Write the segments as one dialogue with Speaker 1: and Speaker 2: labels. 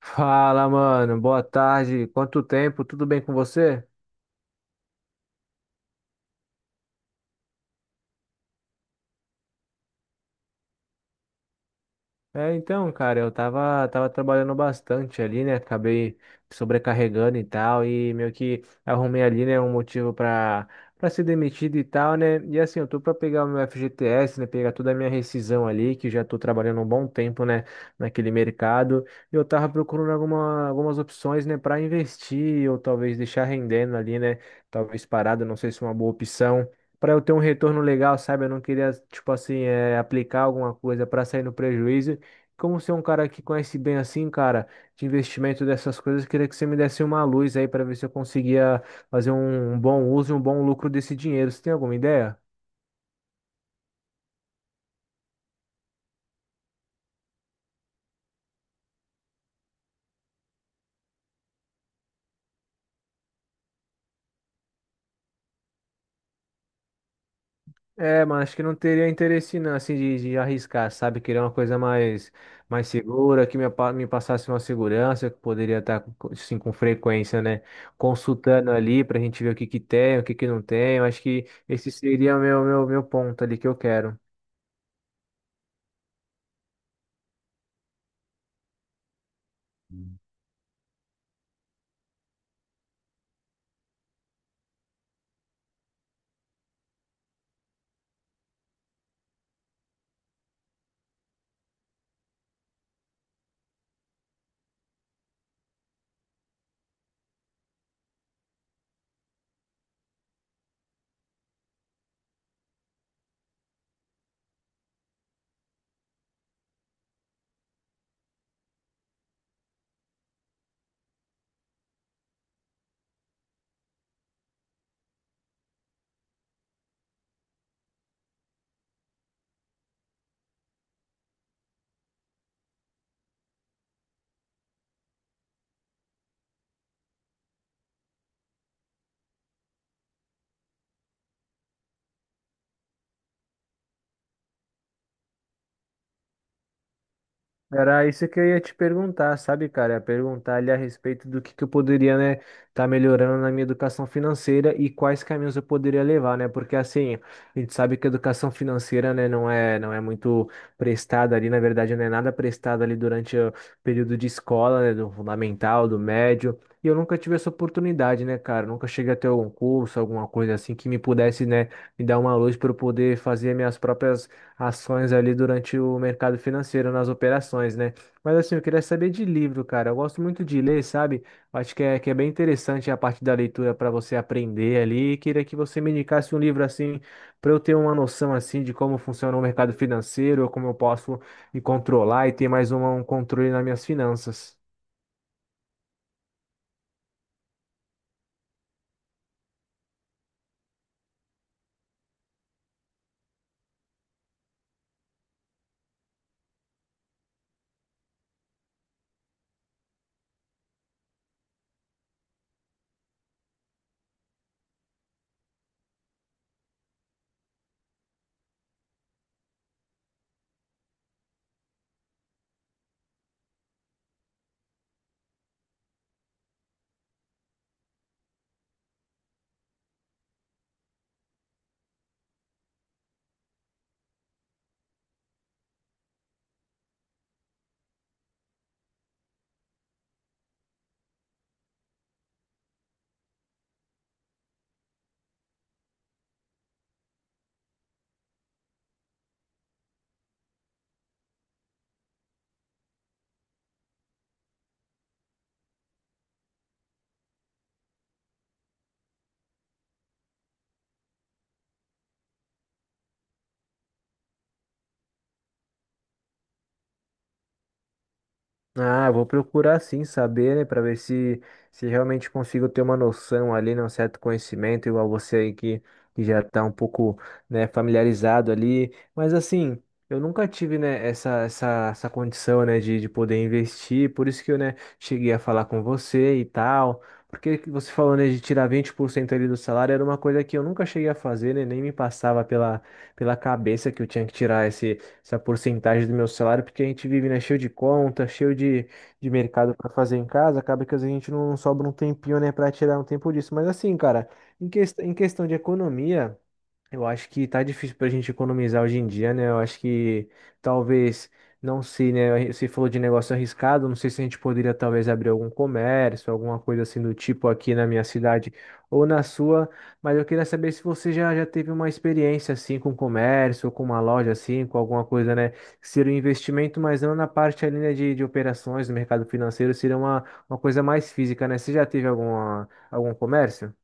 Speaker 1: Fala, mano. Boa tarde. Quanto tempo? Tudo bem com você? Então, cara, eu tava trabalhando bastante ali, né? Acabei sobrecarregando e tal, e meio que arrumei ali, né, um motivo pra ser demitido e tal, né? E assim, eu tô pra pegar o meu FGTS, né? Pegar toda a minha rescisão ali, que já tô trabalhando um bom tempo, né, naquele mercado. E eu tava procurando algumas opções, né, pra investir, ou talvez deixar rendendo ali, né? Talvez parado, não sei se é uma boa opção para eu ter um retorno legal, sabe? Eu não queria, tipo assim, aplicar alguma coisa para sair no prejuízo como ser um cara que conhece bem assim, cara, de investimento dessas coisas, queria que você me desse uma luz aí para ver se eu conseguia fazer um bom uso e um bom lucro desse dinheiro. Você tem alguma ideia? É, mas acho que não teria interesse não, assim, de arriscar, sabe? Queria uma coisa mais segura, que me, me passasse uma segurança, que eu poderia estar, assim, com frequência, né? Consultando ali pra gente ver o que que tem, o que que não tem. Eu acho que esse seria o meu ponto ali que eu quero. Era isso que eu ia te perguntar, sabe, cara? Ia perguntar ali a respeito do que eu poderia, né, tá melhorando na minha educação financeira e quais caminhos eu poderia levar, né? Porque assim, a gente sabe que a educação financeira, né, não é muito prestada ali, na verdade, não é nada prestada ali durante o período de escola, né, do fundamental, do médio. E eu nunca tive essa oportunidade, né, cara? Nunca cheguei a ter algum curso, alguma coisa assim que me pudesse, né, me dar uma luz para eu poder fazer minhas próprias ações ali durante o mercado financeiro, nas operações, né? Mas assim, eu queria saber de livro, cara. Eu gosto muito de ler, sabe? Eu acho que é bem interessante a parte da leitura para você aprender ali. E queria que você me indicasse um livro assim, para eu ter uma noção assim de como funciona o mercado financeiro, como eu posso me controlar e ter mais um controle nas minhas finanças. Ah, eu vou procurar sim saber, né, para ver se realmente consigo ter uma noção ali, né, um certo conhecimento igual você aí que já está um pouco, né, familiarizado ali, mas assim, eu nunca tive, né, essa condição, né, de poder investir, por isso que eu, né, cheguei a falar com você e tal. Porque que você falou, né, de tirar 20% ali do salário era uma coisa que eu nunca cheguei a fazer, né, nem me passava pela, pela cabeça que eu tinha que tirar essa porcentagem do meu salário, porque a gente vive, né, cheio de conta, cheio de mercado para fazer em casa, acaba que às vezes a gente não sobra um tempinho, né, para tirar um tempo disso. Mas assim, cara, em questão de economia. Eu acho que tá difícil pra gente economizar hoje em dia, né? Eu acho que talvez, não sei, né? Você falou de negócio arriscado, não sei se a gente poderia talvez abrir algum comércio, alguma coisa assim do tipo aqui na minha cidade ou na sua, mas eu queria saber se você já teve uma experiência assim com comércio, ou com uma loja assim, com alguma coisa, né? Que seria um investimento, mas não na parte ali, né, de operações, do mercado financeiro, seria uma coisa mais física, né? Você já teve alguma, algum comércio?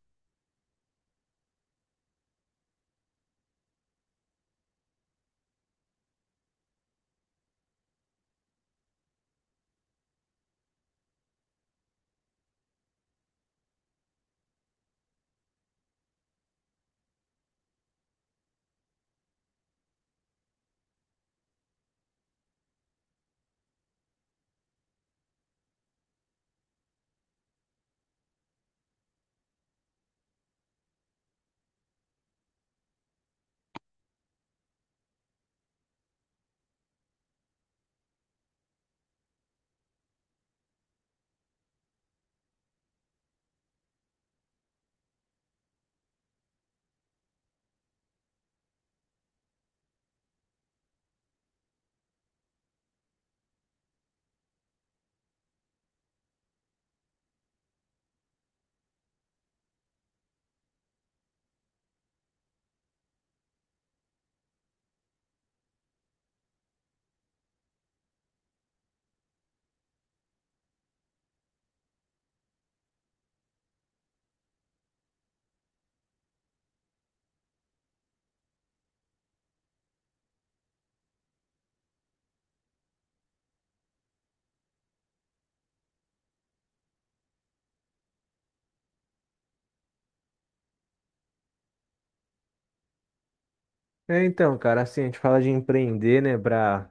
Speaker 1: É, então, cara, assim, a gente fala de empreender, né,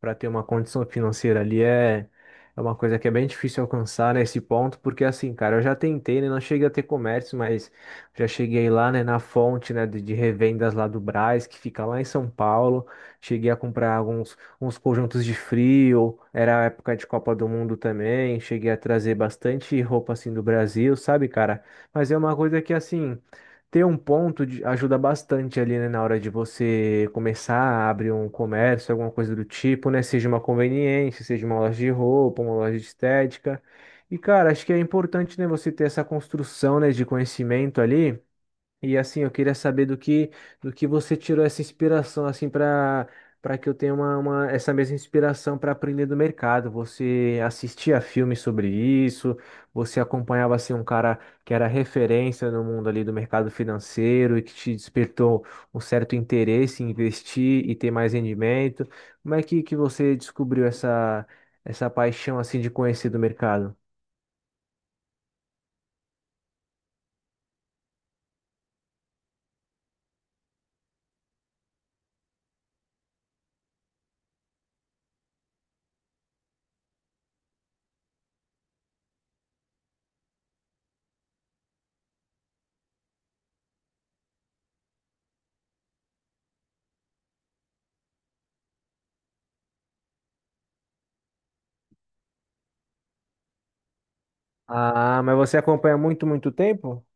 Speaker 1: pra ter uma condição financeira ali é uma coisa que é bem difícil alcançar, né, esse ponto, porque assim, cara, eu já tentei, né, não cheguei a ter comércio, mas já cheguei lá, né, na fonte, né, de revendas lá do Brás, que fica lá em São Paulo, cheguei a comprar alguns uns conjuntos de frio, era a época de Copa do Mundo também, cheguei a trazer bastante roupa, assim, do Brasil, sabe, cara? Mas é uma coisa que, assim ter um ajuda bastante ali, né, na hora de você começar a abrir um comércio, alguma coisa do tipo, né? Seja uma conveniência, seja uma loja de roupa, uma loja de estética. E, cara, acho que é importante, né, você ter essa construção, né, de conhecimento ali. E assim, eu queria saber do que você tirou essa inspiração assim para que eu tenha essa mesma inspiração para aprender do mercado. Você assistia filmes sobre isso? Você acompanhava assim um cara que era referência no mundo ali do mercado financeiro e que te despertou um certo interesse em investir e ter mais rendimento? Como é que você descobriu essa paixão assim de conhecer do mercado? Ah, mas você acompanha há muito, muito tempo?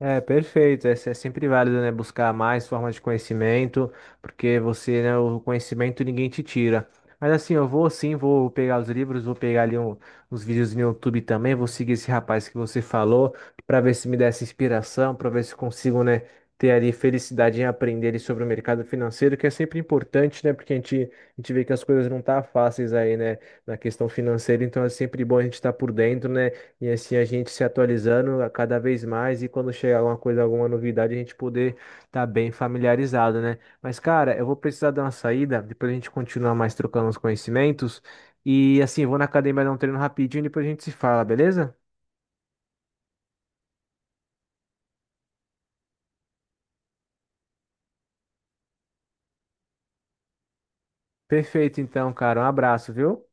Speaker 1: É, perfeito. É, é sempre válido, né, buscar mais formas de conhecimento, porque você, né, o conhecimento ninguém te tira. Mas assim, eu vou sim, vou pegar os livros, vou pegar ali uns vídeos no YouTube também, vou seguir esse rapaz que você falou, para ver se me dá essa inspiração, para ver se consigo, né, ter ali felicidade em aprender ali sobre o mercado financeiro, que é sempre importante, né, porque a gente vê que as coisas não tá fáceis aí, né, na questão financeira, então é sempre bom a gente estar por dentro, né, e assim a gente se atualizando a cada vez mais e quando chegar alguma coisa, alguma novidade, a gente poder estar bem familiarizado, né? Mas, cara, eu vou precisar dar uma saída, depois a gente continua mais trocando os conhecimentos. E assim, eu vou na academia dar um treino rapidinho, e depois a gente se fala, beleza? Perfeito, então, cara. Um abraço, viu?